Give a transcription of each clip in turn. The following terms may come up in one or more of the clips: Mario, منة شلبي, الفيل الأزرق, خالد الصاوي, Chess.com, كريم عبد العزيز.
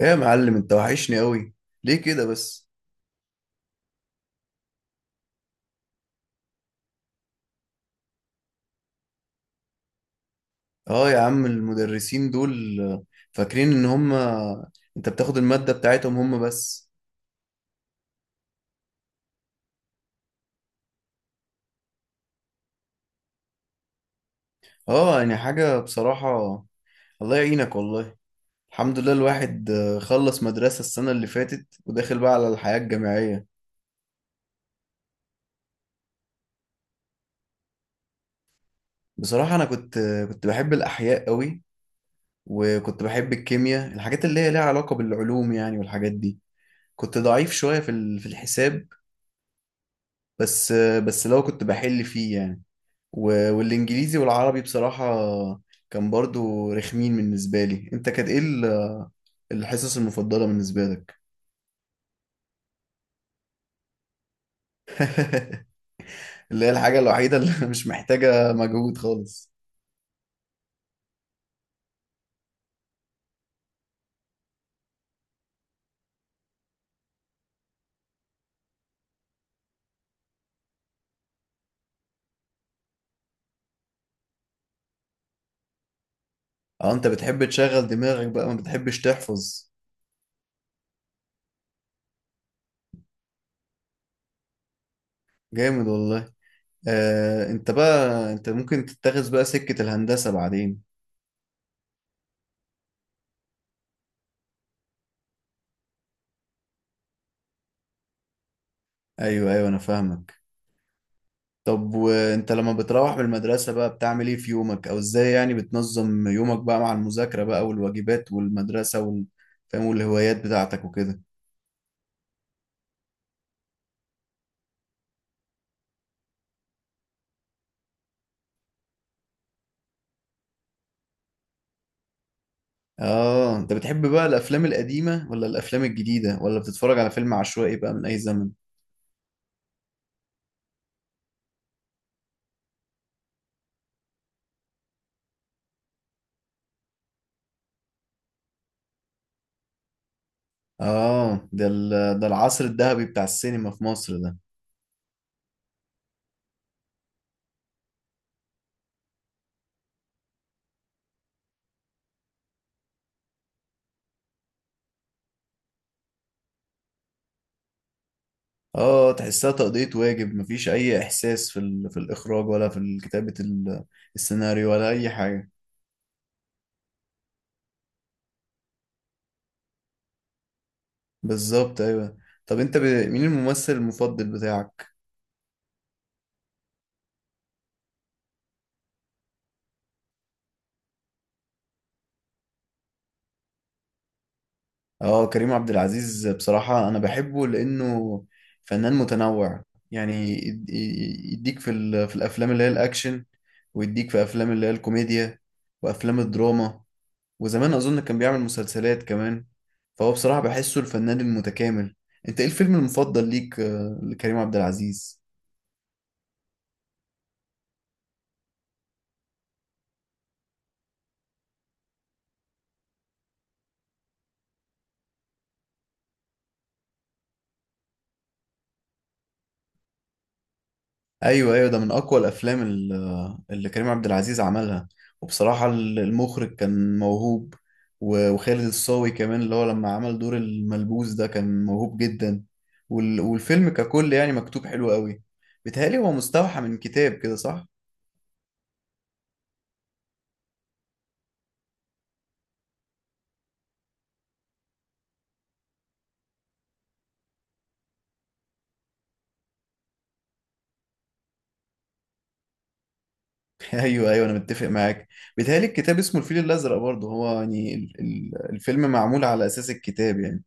ايه يا معلم، انت وحشني قوي. ليه كده بس؟ اه يا عم، المدرسين دول فاكرين ان هم انت بتاخد المادة بتاعتهم هم بس. اه يعني حاجة بصراحة. الله يعينك والله. الحمد لله، الواحد خلص مدرسة السنة اللي فاتت، وداخل بقى على الحياة الجامعية. بصراحة انا كنت بحب الاحياء قوي، وكنت بحب الكيمياء، الحاجات اللي هي ليها علاقة بالعلوم يعني، والحاجات دي. كنت ضعيف شوية في الحساب، بس لو كنت بحل فيه يعني. والانجليزي والعربي بصراحة كان برضو رخمين بالنسبة لي. انت كانت ايه الحصص المفضلة بالنسبة لك؟ اللي هي الحاجة الوحيدة اللي مش محتاجة مجهود خالص. اه، انت بتحب تشغل دماغك بقى، ما بتحبش تحفظ. جامد والله. آه، انت بقى ممكن تتخذ بقى سكة الهندسة بعدين. ايوه ايوه، انا فاهمك. طب وانت لما بتروح من المدرسة بقى بتعمل ايه في يومك، او ازاي يعني بتنظم يومك بقى مع المذاكرة بقى والواجبات والمدرسة فاهم، والهوايات بتاعتك وكده؟ اه، انت بتحب بقى الافلام القديمة ولا الافلام الجديدة، ولا بتتفرج على فيلم عشوائي بقى من اي زمن؟ اه، ده العصر الذهبي بتاع السينما في مصر ده. اه، تحسها تقضية واجب، مفيش اي احساس في الاخراج ولا في كتابة السيناريو ولا اي حاجة. بالظبط، ايوه. طب مين الممثل المفضل بتاعك؟ اه، كريم عبد العزيز بصراحة أنا بحبه لأنه فنان متنوع. يعني يديك في الأفلام اللي هي الأكشن، ويديك في أفلام اللي هي الكوميديا، وأفلام الدراما. وزمان أظن كان بيعمل مسلسلات كمان. فهو بصراحة بحسه الفنان المتكامل. أنت إيه الفيلم المفضل ليك لكريم عبد العزيز؟ ايوه ايوه، ده من اقوى الافلام اللي كريم عبد العزيز عملها. وبصراحه المخرج كان موهوب، وخالد الصاوي كمان، اللي هو لما عمل دور الملبوس ده كان موهوب جدا. والفيلم ككل يعني مكتوب حلو قوي. بيتهيألي هو مستوحى من كتاب كده، صح؟ ايوه ايوه، انا متفق معاك. بيتهيألي الكتاب اسمه الفيل الازرق برضه، هو يعني الفيلم معمول على اساس الكتاب يعني.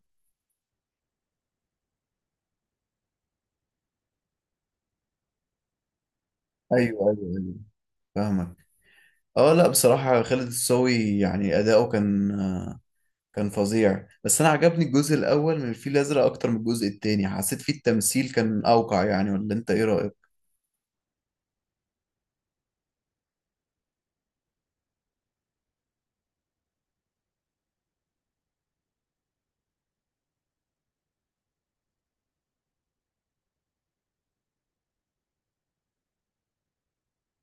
ايوه ايوه ايوه، فاهمك. اه لا، بصراحه خالد الصاوي يعني اداؤه كان فظيع. بس انا عجبني الجزء الاول من الفيل الازرق اكتر من الجزء التاني، حسيت فيه التمثيل كان اوقع يعني. ولا انت ايه رايك؟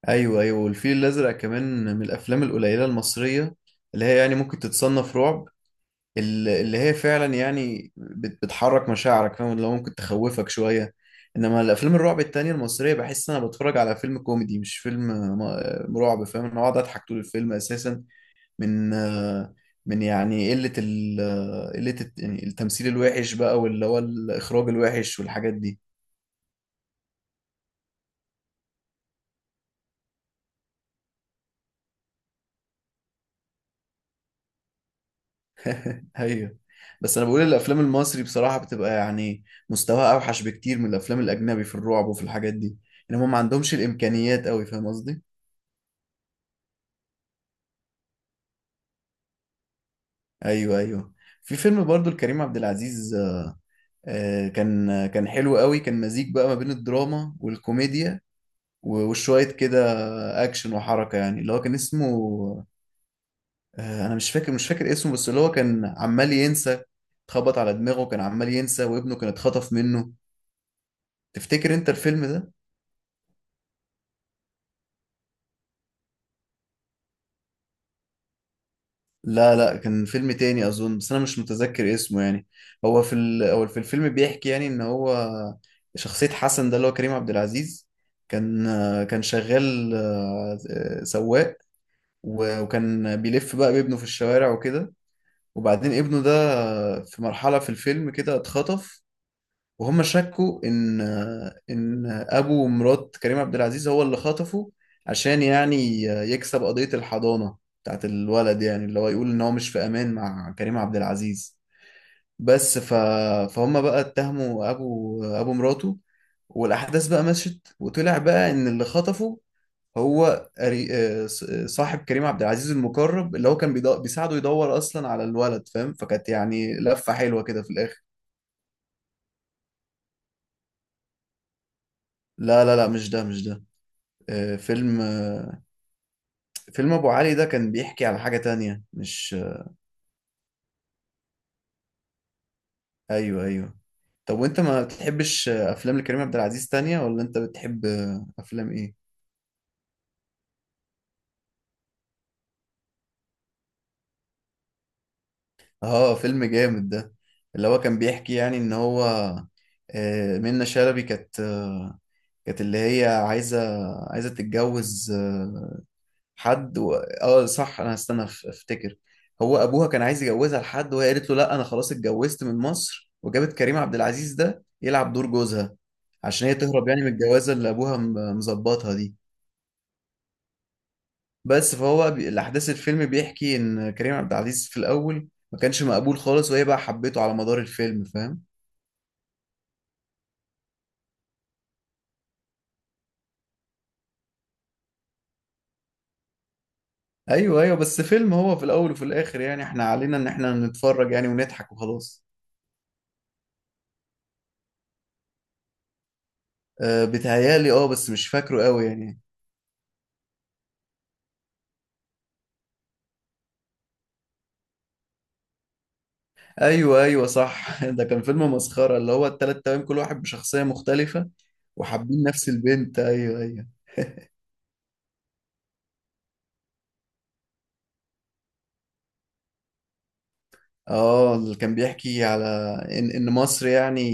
ايوه ايوه، والفيل الازرق كمان من الافلام القليله المصريه اللي هي يعني ممكن تتصنف رعب، اللي هي فعلا يعني بتحرك مشاعرك، فاهم؟ اللي هو ممكن تخوفك شويه. انما الافلام الرعب التانية المصريه بحس ان انا بتفرج على فيلم كوميدي مش فيلم رعب، فاهم؟ انا اقعد اضحك طول الفيلم اساسا، من آه، من يعني قلة ال آه، قلة يعني التمثيل الوحش بقى، واللي هو الإخراج الوحش والحاجات دي. أيوه، بس أنا بقول الأفلام المصري بصراحة بتبقى يعني مستواها أوحش بكتير من الأفلام الأجنبي في الرعب وفي الحاجات دي. إن هم ما عندهمش الإمكانيات أوي، فاهم قصدي؟ أيوه أيوه، في فيلم برضو لكريم عبد العزيز كان حلو قوي، كان مزيج بقى ما بين الدراما والكوميديا، وشوية كده أكشن وحركة يعني، اللي هو كان اسمه انا مش فاكر اسمه، بس اللي هو كان عمال ينسى، اتخبط على دماغه كان عمال ينسى، وابنه كان اتخطف منه. تفتكر انت الفيلم ده؟ لا لا، كان فيلم تاني اظن، بس انا مش متذكر اسمه يعني. هو في الفيلم بيحكي يعني ان هو شخصية حسن ده اللي هو كريم عبد العزيز كان شغال سواق، وكان بيلف بقى بابنه في الشوارع وكده. وبعدين ابنه ده في مرحلة في الفيلم كده اتخطف، وهم شكوا ان ابو مرات كريم عبد العزيز هو اللي خطفه، عشان يعني يكسب قضية الحضانة بتاعت الولد، يعني اللي هو يقول ان هو مش في امان مع كريم عبد العزيز. بس ف... فهم بقى اتهموا ابو مراته، والاحداث بقى مشت، وطلع بقى ان اللي خطفه هو صاحب كريم عبد العزيز المقرب، اللي هو كان بيساعده يدور اصلا على الولد، فاهم؟ فكانت يعني لفة حلوة كده في الاخر. لا لا لا، مش ده مش ده. آه، فيلم آه، فيلم ابو علي ده كان بيحكي على حاجة تانية، مش ايوه ايوه. طب وانت ما بتحبش افلام لكريم عبد العزيز تانية، ولا انت بتحب افلام ايه؟ اه فيلم جامد ده. اللي هو كان بيحكي يعني ان هو منة شلبي كانت كانت اللي هي عايزة تتجوز حد اه صح، انا هستنى افتكر. هو ابوها كان عايز يجوزها لحد، وهي قالت له لا، انا خلاص اتجوزت، من مصر، وجابت كريم عبد العزيز ده يلعب دور جوزها عشان هي تهرب يعني من الجوازه اللي ابوها مظبطها دي. الاحداث الفيلم بيحكي ان كريم عبد العزيز في الاول ما كانش مقبول خالص، وهي بقى حبيته على مدار الفيلم، فاهم؟ ايوه ايوه، بس فيلم هو في الاول وفي الاخر يعني احنا علينا ان احنا نتفرج يعني ونضحك وخلاص. أه بيتهيألي اه، بس مش فاكره قوي يعني. ايوه ايوه صح، ده كان فيلم مسخره، اللي هو التلات توام كل واحد بشخصيه مختلفه، وحابين نفس البنت. ايوه ايوه. اه اللي كان بيحكي على ان مصر يعني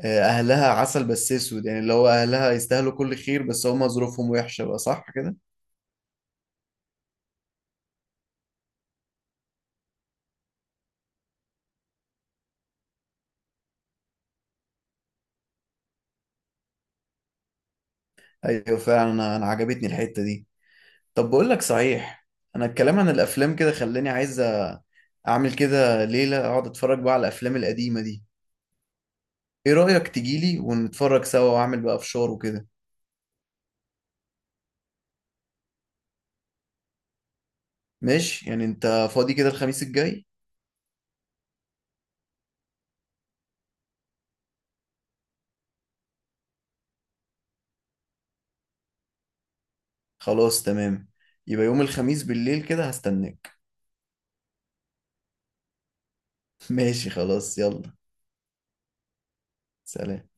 اهلها عسل بس اسود، يعني اللي هو اهلها يستاهلوا كل خير بس هم ظروفهم وحشه بقى، صح كده؟ ايوه فعلا، انا عجبتني الحته دي. طب بقول لك صحيح، انا الكلام عن الافلام كده خلاني عايز اعمل كده ليله اقعد اتفرج بقى على الافلام القديمه دي. ايه رايك تجيلي ونتفرج سوا، واعمل بقى فشار وكده؟ ماشي، يعني انت فاضي كده الخميس الجاي؟ خلاص تمام، يبقى يوم الخميس بالليل كده هستناك. ماشي خلاص، يلا سلام.